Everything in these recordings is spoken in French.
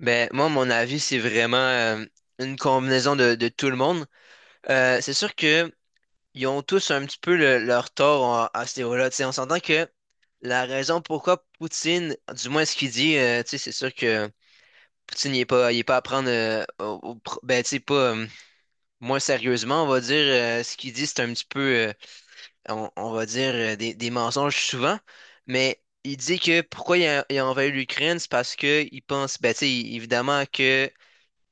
Ben, moi, mon avis, c'est vraiment une combinaison de tout le monde. C'est sûr que ils ont tous un petit peu leur tort à ce niveau-là. Tu sais, on s'entend que la raison pourquoi Poutine, du moins ce qu'il dit, tu sais, c'est sûr que Poutine, il est pas à prendre, ben, tu sais, pas moins sérieusement, on va dire. Ce qu'il dit, c'est un petit peu, euh, on va dire, des mensonges souvent. Mais il dit que pourquoi il a envahi l'Ukraine, c'est parce que il pense, ben, tu sais, évidemment que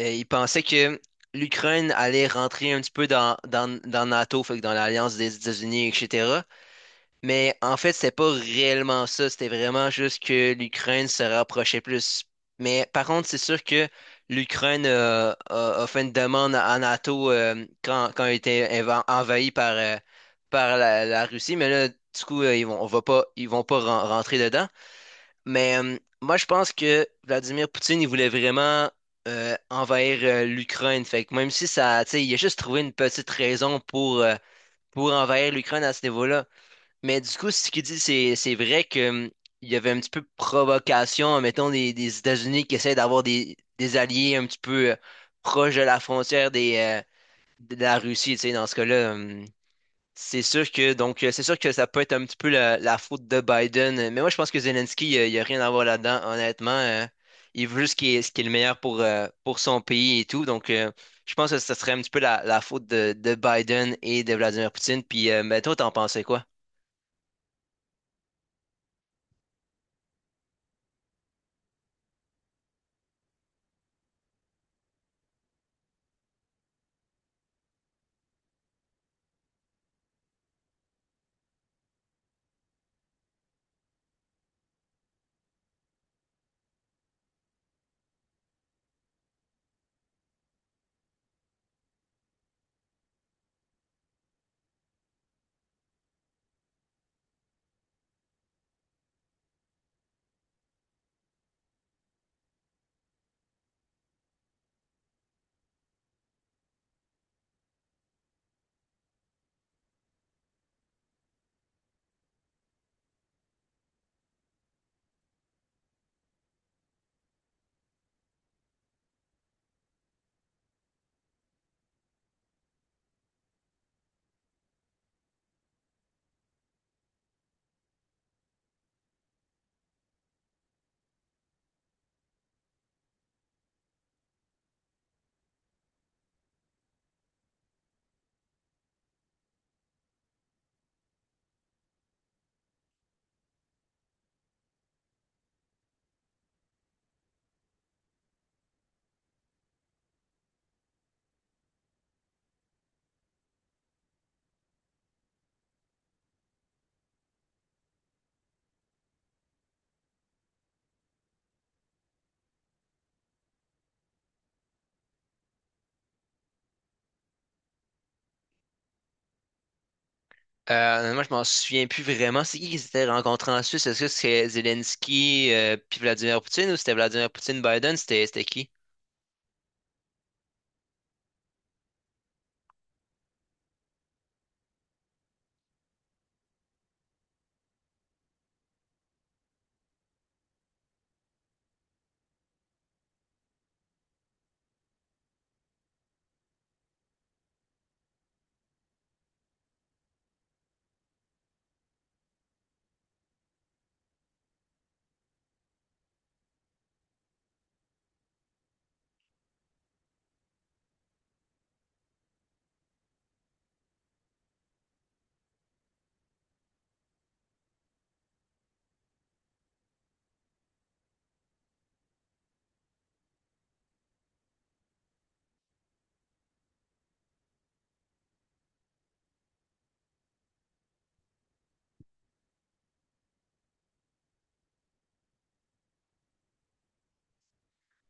il pensait que l'Ukraine allait rentrer un petit peu dans NATO, fait que dans l'alliance des États-Unis, etc. Mais en fait, c'était pas réellement ça. C'était vraiment juste que l'Ukraine se rapprochait plus. Mais par contre, c'est sûr que l'Ukraine a fait une demande à NATO quand elle était envahie par, par la Russie. Mais là, du coup, ils vont pas rentrer dedans. Mais moi, je pense que Vladimir Poutine, il voulait vraiment envahir l'Ukraine. Fait que même si ça, tu sais, il a juste trouvé une petite raison pour envahir l'Ukraine à ce niveau-là. Mais du coup, ce qu'il dit, c'est vrai que, il y avait un petit peu de provocation, mettons, des États-Unis qui essaient d'avoir des alliés un petit peu proches de la frontière des, de la Russie, tu sais, dans ce cas-là. C'est sûr que ça peut être un petit peu la faute de Biden, mais moi je pense que Zelensky, il n'y a rien à voir là-dedans, honnêtement. Il veut juste ce qui est le meilleur pour son pays et tout. Donc je pense que ça serait un petit peu la faute de Biden et de Vladimir Poutine. Puis mais toi, t'en pensais quoi? Moi, je m'en souviens plus vraiment. C'est qui s'était rencontré en Suisse? Est-ce que c'est Zelensky puis Vladimir Poutine ou c'était Vladimir Poutine Biden? C'était qui?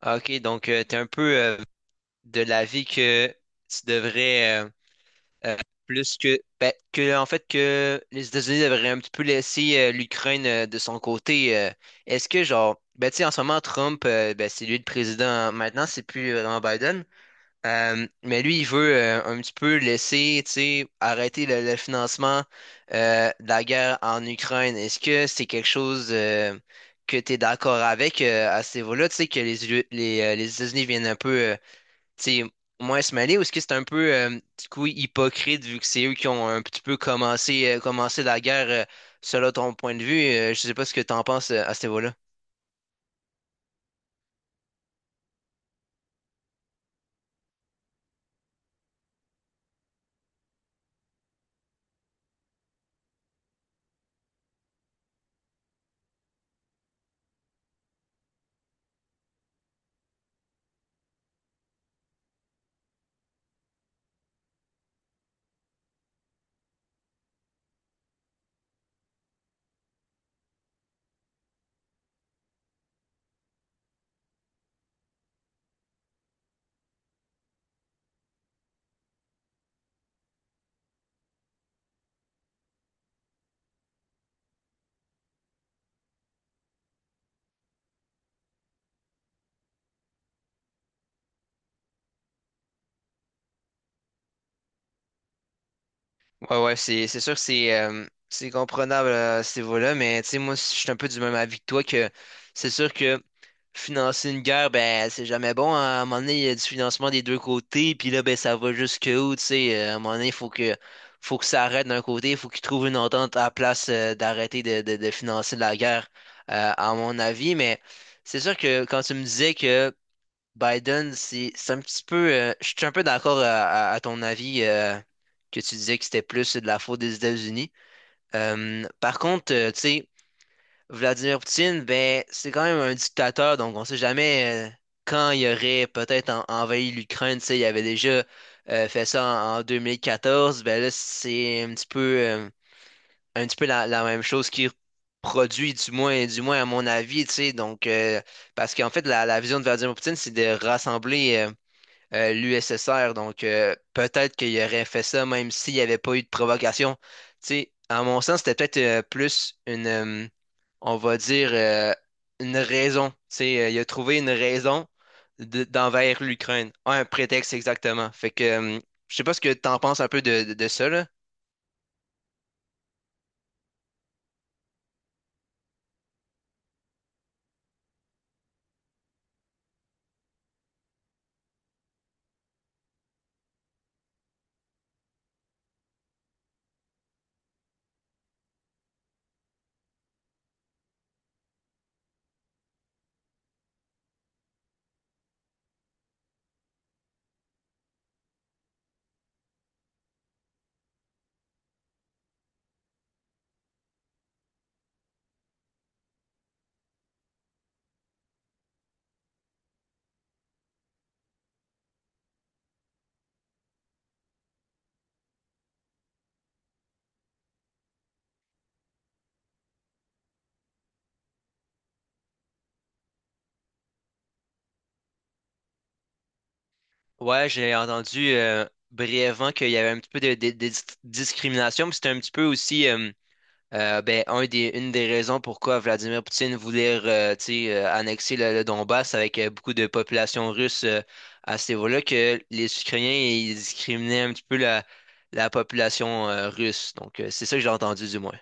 Ah, Ok, donc tu t'es un peu de l'avis que tu devrais euh, plus que ben, que en fait que les États-Unis devraient un petit peu laisser l'Ukraine de son côté. Est-ce que genre ben tu sais en ce moment Trump, ben, c'est lui le président maintenant, c'est plus vraiment Biden. Mais lui, il veut un petit peu laisser, tu sais, arrêter le financement de la guerre en Ukraine. Est-ce que c'est quelque chose que tu es d'accord avec à ce niveau-là, tu sais, que les États-Unis viennent un peu, tu sais, moins se mêler, ou est-ce que c'est un peu, du coup, hypocrite vu que c'est eux qui ont un petit peu commencé, commencé la guerre selon ton point de vue? Je sais pas ce que tu en penses à ce niveau-là. Ouais, ouais, c'est sûr, c'est comprenable à ce niveau-là, mais tu sais, moi, je suis un peu du même avis que toi que c'est sûr que financer une guerre, ben, c'est jamais bon, hein. À un moment donné, il y a du financement des deux côtés, puis là, ben, ça va jusque où, tu sais. À un moment donné, faut que ça arrête d'un côté, il faut qu'ils trouvent une entente à la place d'arrêter de financer la guerre, à mon avis. Mais c'est sûr que quand tu me disais que Biden, c'est un petit peu. Je suis un peu d'accord à ton avis que tu disais que c'était plus de la faute des États-Unis. Par contre, tu sais, Vladimir Poutine, ben, c'est quand même un dictateur, donc on sait jamais quand il aurait peut-être envahi l'Ukraine. Tu sais, il avait déjà fait ça en 2014. Ben là, c'est un petit peu la même chose qu'il produit, du moins à mon avis, tu sais. Donc, parce qu'en fait, la vision de Vladimir Poutine, c'est de rassembler. l'USSR. Donc, peut-être qu'il aurait fait ça même s'il n'y avait pas eu de provocation. Tu sais, à mon sens, c'était peut-être plus une, on va dire, une raison. Tu sais, il a trouvé une raison d'envers l'Ukraine. Un prétexte exactement. Fait que, je sais pas ce que tu en penses un peu de ça, là. Ouais, j'ai entendu brièvement qu'il y avait un petit peu de discrimination, mais c'était un petit peu aussi. Une des raisons pourquoi Vladimir Poutine voulait tu sais, annexer le Donbass avec beaucoup de population russe à ce niveau-là, que les Ukrainiens ils discriminaient un petit peu la population russe. Donc, c'est ça que j'ai entendu du moins.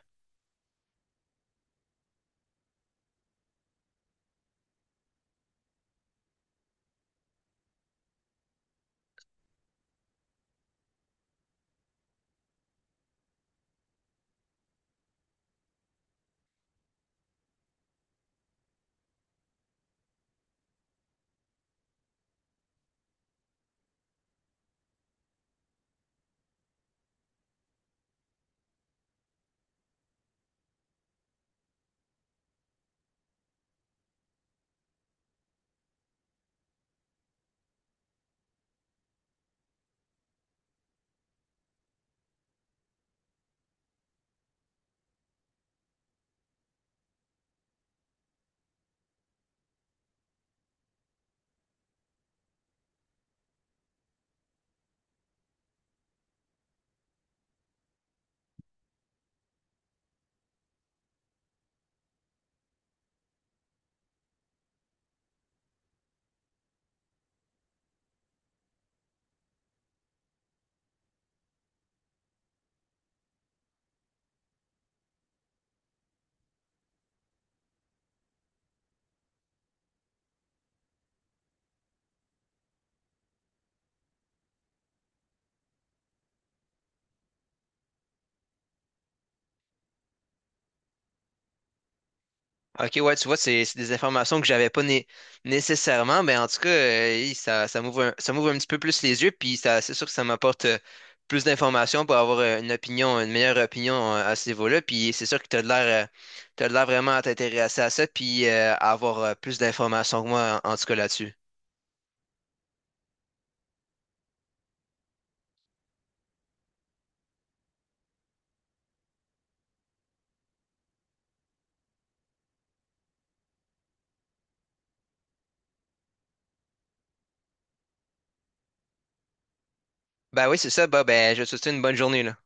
Ok, ouais, tu vois, c'est des informations que j'avais pas nécessairement, mais en tout cas, hey, ça m'ouvre ça m'ouvre un petit peu plus les yeux, puis ça, c'est sûr que ça m'apporte plus d'informations pour avoir une meilleure opinion à ce niveau-là, puis c'est sûr que tu as de l'air, t'as de l'air vraiment à t'intéresser à ça, puis à avoir plus d'informations que moi, en tout cas là-dessus. Ben oui, c'est ça, bah, ben, je te souhaite une bonne journée, là.